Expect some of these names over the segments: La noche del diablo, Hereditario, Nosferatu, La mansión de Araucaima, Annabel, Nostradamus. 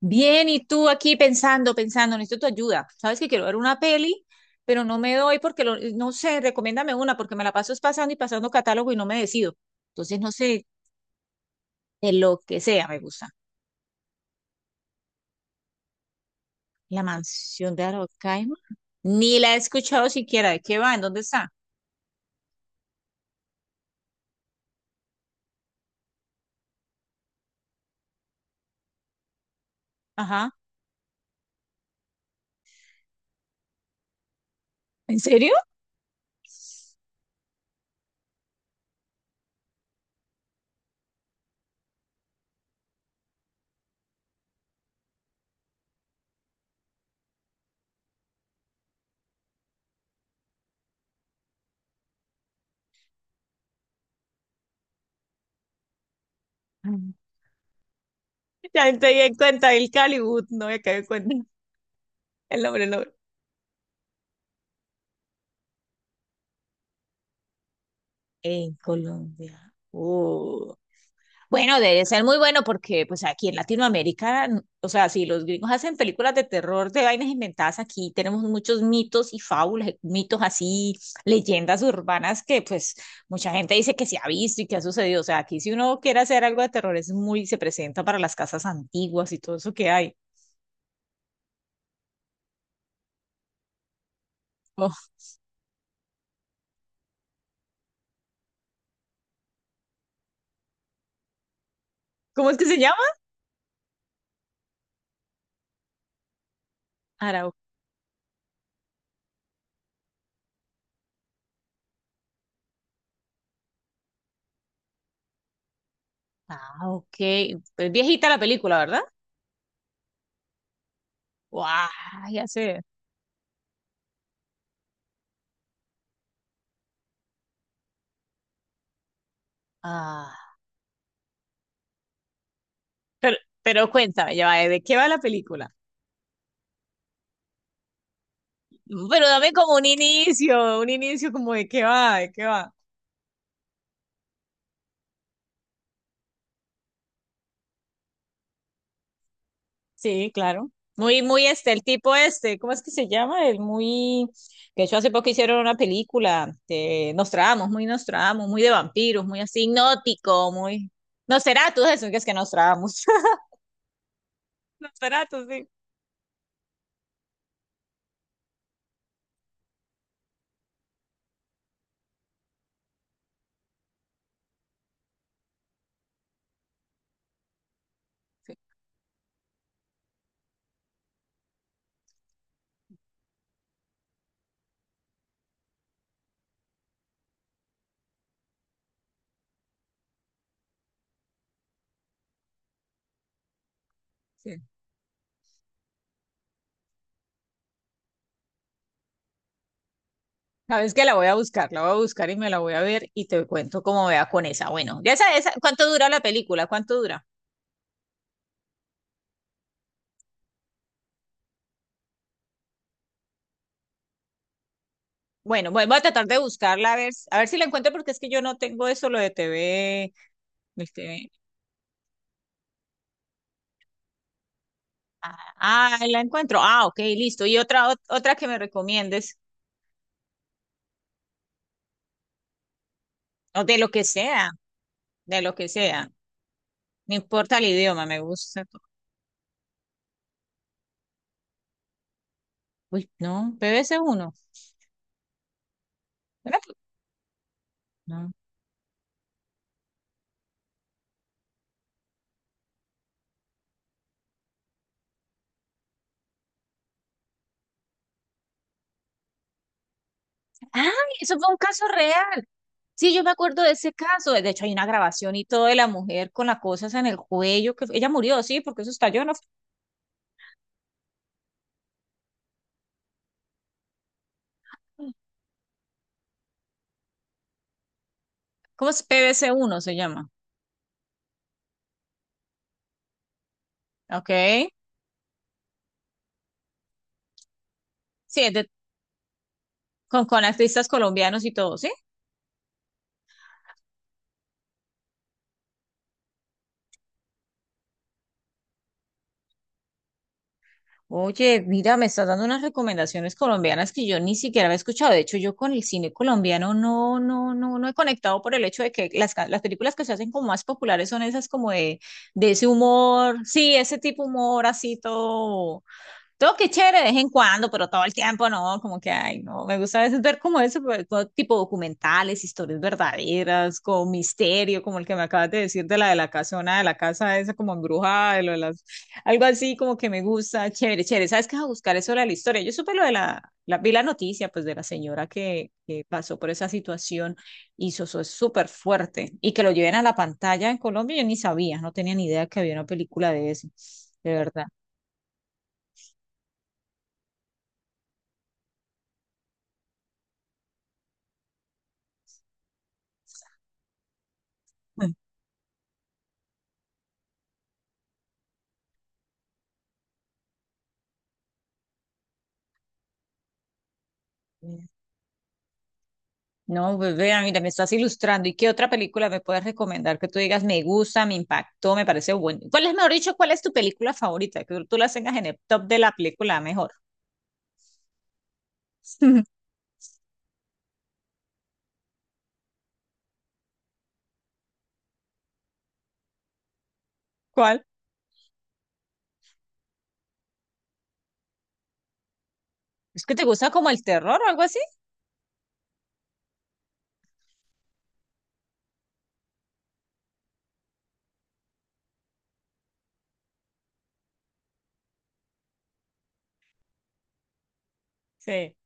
Bien, y tú aquí pensando, necesito tu ayuda. Sabes que quiero ver una peli, pero no me doy porque no sé, recomiéndame una porque me la paso es pasando y pasando catálogo y no me decido. Entonces, no sé, de lo que sea me gusta. La mansión de Araucaima. Ni la he escuchado siquiera. ¿De qué va? ¿En dónde está? Ajá. ¿En serio? Mm. Ya me di en cuenta el Calibut, no me caí en cuenta el nombre, el nombre. En Colombia. Bueno, debe ser muy bueno porque pues aquí en Latinoamérica, o sea, si los gringos hacen películas de terror de vainas inventadas, aquí tenemos muchos mitos y fábulas, mitos así, leyendas urbanas que pues mucha gente dice que se ha visto y que ha sucedido. O sea, aquí si uno quiere hacer algo de terror es muy, se presenta para las casas antiguas y todo eso que hay. Oh, ¿cómo es que se llama? Arau. Ah, ok. Es viejita la película, ¿verdad? Guau, ya sé. Ah, pero, pero cuéntame, ya va, ¿de qué va la película? Pero dame como un inicio como de qué va, de qué va. Sí, claro. Muy, muy este, el tipo este, ¿cómo es que se llama? El muy, que de hecho hace poco hicieron una película de Nostradamus, muy de vampiros, muy así hipnótico, muy... Nosferatu, eso que es que Nostradamus. Nosferatu, sí. Sí, sí. Sabes que la voy a buscar, la voy a buscar y me la voy a ver y te cuento cómo vea con esa. Bueno, ya esa, ¿cuánto dura la película? ¿Cuánto dura? Bueno, voy a tratar de buscarla a ver si la encuentro porque es que yo no tengo eso, lo de TV, el TV. Ah, ah, ahí la encuentro. Ah, ok, listo. Y otra, otra que me recomiendes, o de lo que sea, de lo que sea. No importa el idioma, me gusta todo. Uy, no, BBC 1. No. Ay, eso fue un caso real. Sí, yo me acuerdo de ese caso. De hecho, hay una grabación y todo de la mujer con las cosas en el cuello. Ella murió, sí, porque eso estalló, ¿no? ¿Cómo es? PBC uno se llama. Ok. Sí, es de con artistas colombianos y todo, ¿sí? Oye, mira, me estás dando unas recomendaciones colombianas que yo ni siquiera había escuchado. De hecho, yo con el cine colombiano no he conectado por el hecho de que las, las películas que se hacen como más populares son esas como de ese humor, sí, ese tipo humor así todo. Todo que chévere de vez en cuando, pero todo el tiempo no, como que, ay, no, me gusta a veces ver como eso, pero como tipo documentales, historias verdaderas, como misterio, como el que me acabas de decir de la casona, de la casa esa como embrujada, de lo de las, algo así como que me gusta, chévere, chévere, ¿sabes qué? A buscar eso de la historia. Yo supe lo de la, la vi la noticia, pues, de la señora que pasó por esa situación y eso es súper fuerte, y que lo lleven a la pantalla en Colombia, yo ni sabía, no tenía ni idea que había una película de eso, de verdad. No, pues vea, mira, me estás ilustrando. ¿Y qué otra película me puedes recomendar que tú digas me gusta, me impactó, me parece bueno? ¿Cuál es, mejor dicho, cuál es tu película favorita? Que tú la tengas en el top de la película mejor. ¿Cuál? ¿Es que te gusta como el terror o algo así? Sí, ¿de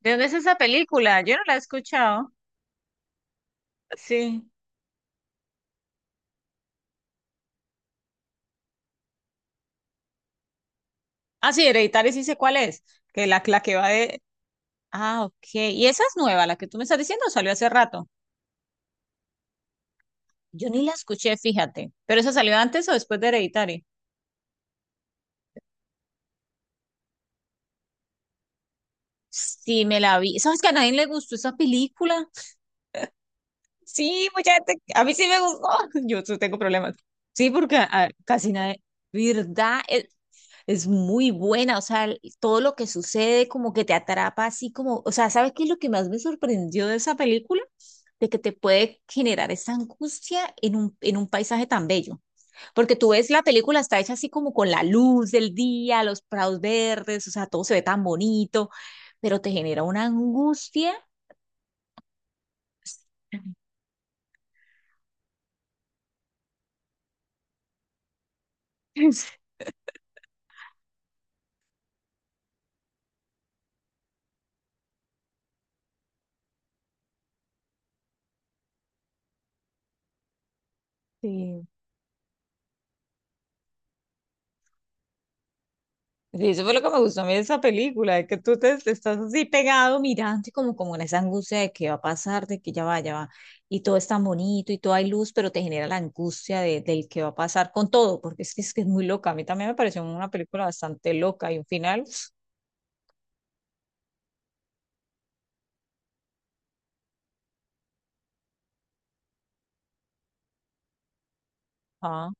dónde es esa película? Yo no la he escuchado. Sí. Ah, sí, Hereditario, sí sé cuál es. Que la que va de. Ah, ok. ¿Y esa es nueva, la que tú me estás diciendo? ¿O salió hace rato? Yo ni la escuché, fíjate. ¿Pero esa salió antes o después de Hereditario? Sí, me la vi. ¿Sabes que a nadie le gustó esa película? Sí, mucha gente. A mí sí me gustó. Yo sí tengo problemas. Sí, porque casi nadie. ¿Verdad? Es muy buena. O sea, todo lo que sucede como que te atrapa así como. O sea, ¿sabes qué es lo que más me sorprendió de esa película? De que te puede generar esa angustia en un paisaje tan bello. Porque tú ves la película, está hecha así como con la luz del día, los prados verdes, o sea, todo se ve tan bonito pero te genera una angustia. Sí. Sí, eso fue lo que me gustó a mí de esa película, de que te estás así pegado mirando y como, como en esa angustia de que va a pasar, de que ya va, y todo es tan bonito y todo hay luz, pero te genera la angustia de, del que va a pasar con todo, porque es que, es que es muy loca. A mí también me pareció una película bastante loca y un final, ah,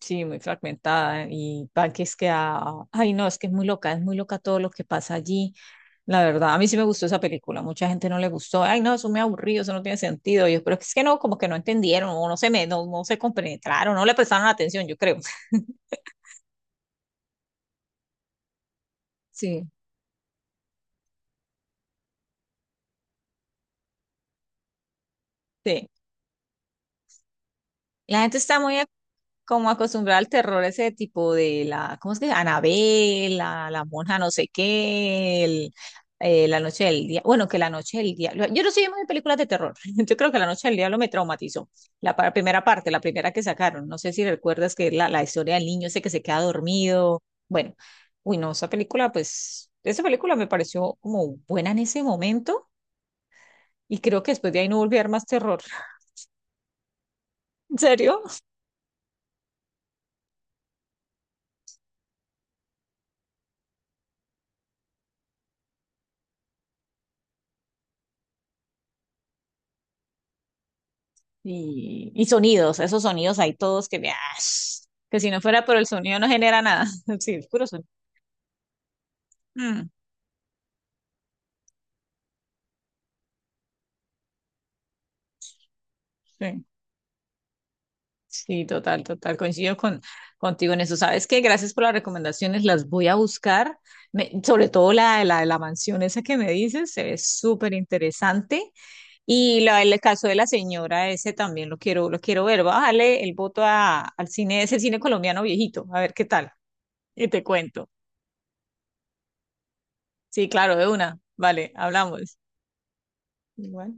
sí, muy fragmentada y para que es que, ah, ay no, es que es muy loca todo lo que pasa allí. La verdad, a mí sí me gustó esa película. Mucha gente no le gustó. Ay, no, eso me aburrido, eso no tiene sentido. Yo creo que es que no, como que no entendieron, o no se compenetraron, no le prestaron atención, yo creo. Sí. Sí. La gente está muy como acostumbrada al terror ese tipo de la, ¿cómo es que? Anabel, la monja no sé qué, la noche del día bueno, que la noche del diablo, yo no soy muy de películas de terror. Yo creo que la noche del diablo me traumatizó, primera parte, la primera que sacaron, no sé si recuerdas que es la, la historia del niño ese que se queda dormido, bueno, uy no, esa película pues, esa película me pareció como buena en ese momento y creo que después de ahí no volví a ver más terror. ¿En serio? Y sonidos, esos sonidos hay todos que, ¡ah! Que si no fuera por el sonido no genera nada. Sí, es puro sonido. Mm, sí, sí, total, total. Coincido con, contigo en eso. ¿Sabes qué? Gracias por las recomendaciones. Las voy a buscar. Me- sobre todo la de la, la mansión esa que me dices, se ve súper interesante. Y la, el caso de la señora, ese también lo quiero ver. Voy a darle el voto a, al cine, ese cine colombiano viejito, a ver qué tal. Y te cuento. Sí, claro, de una. Vale, hablamos. Igual.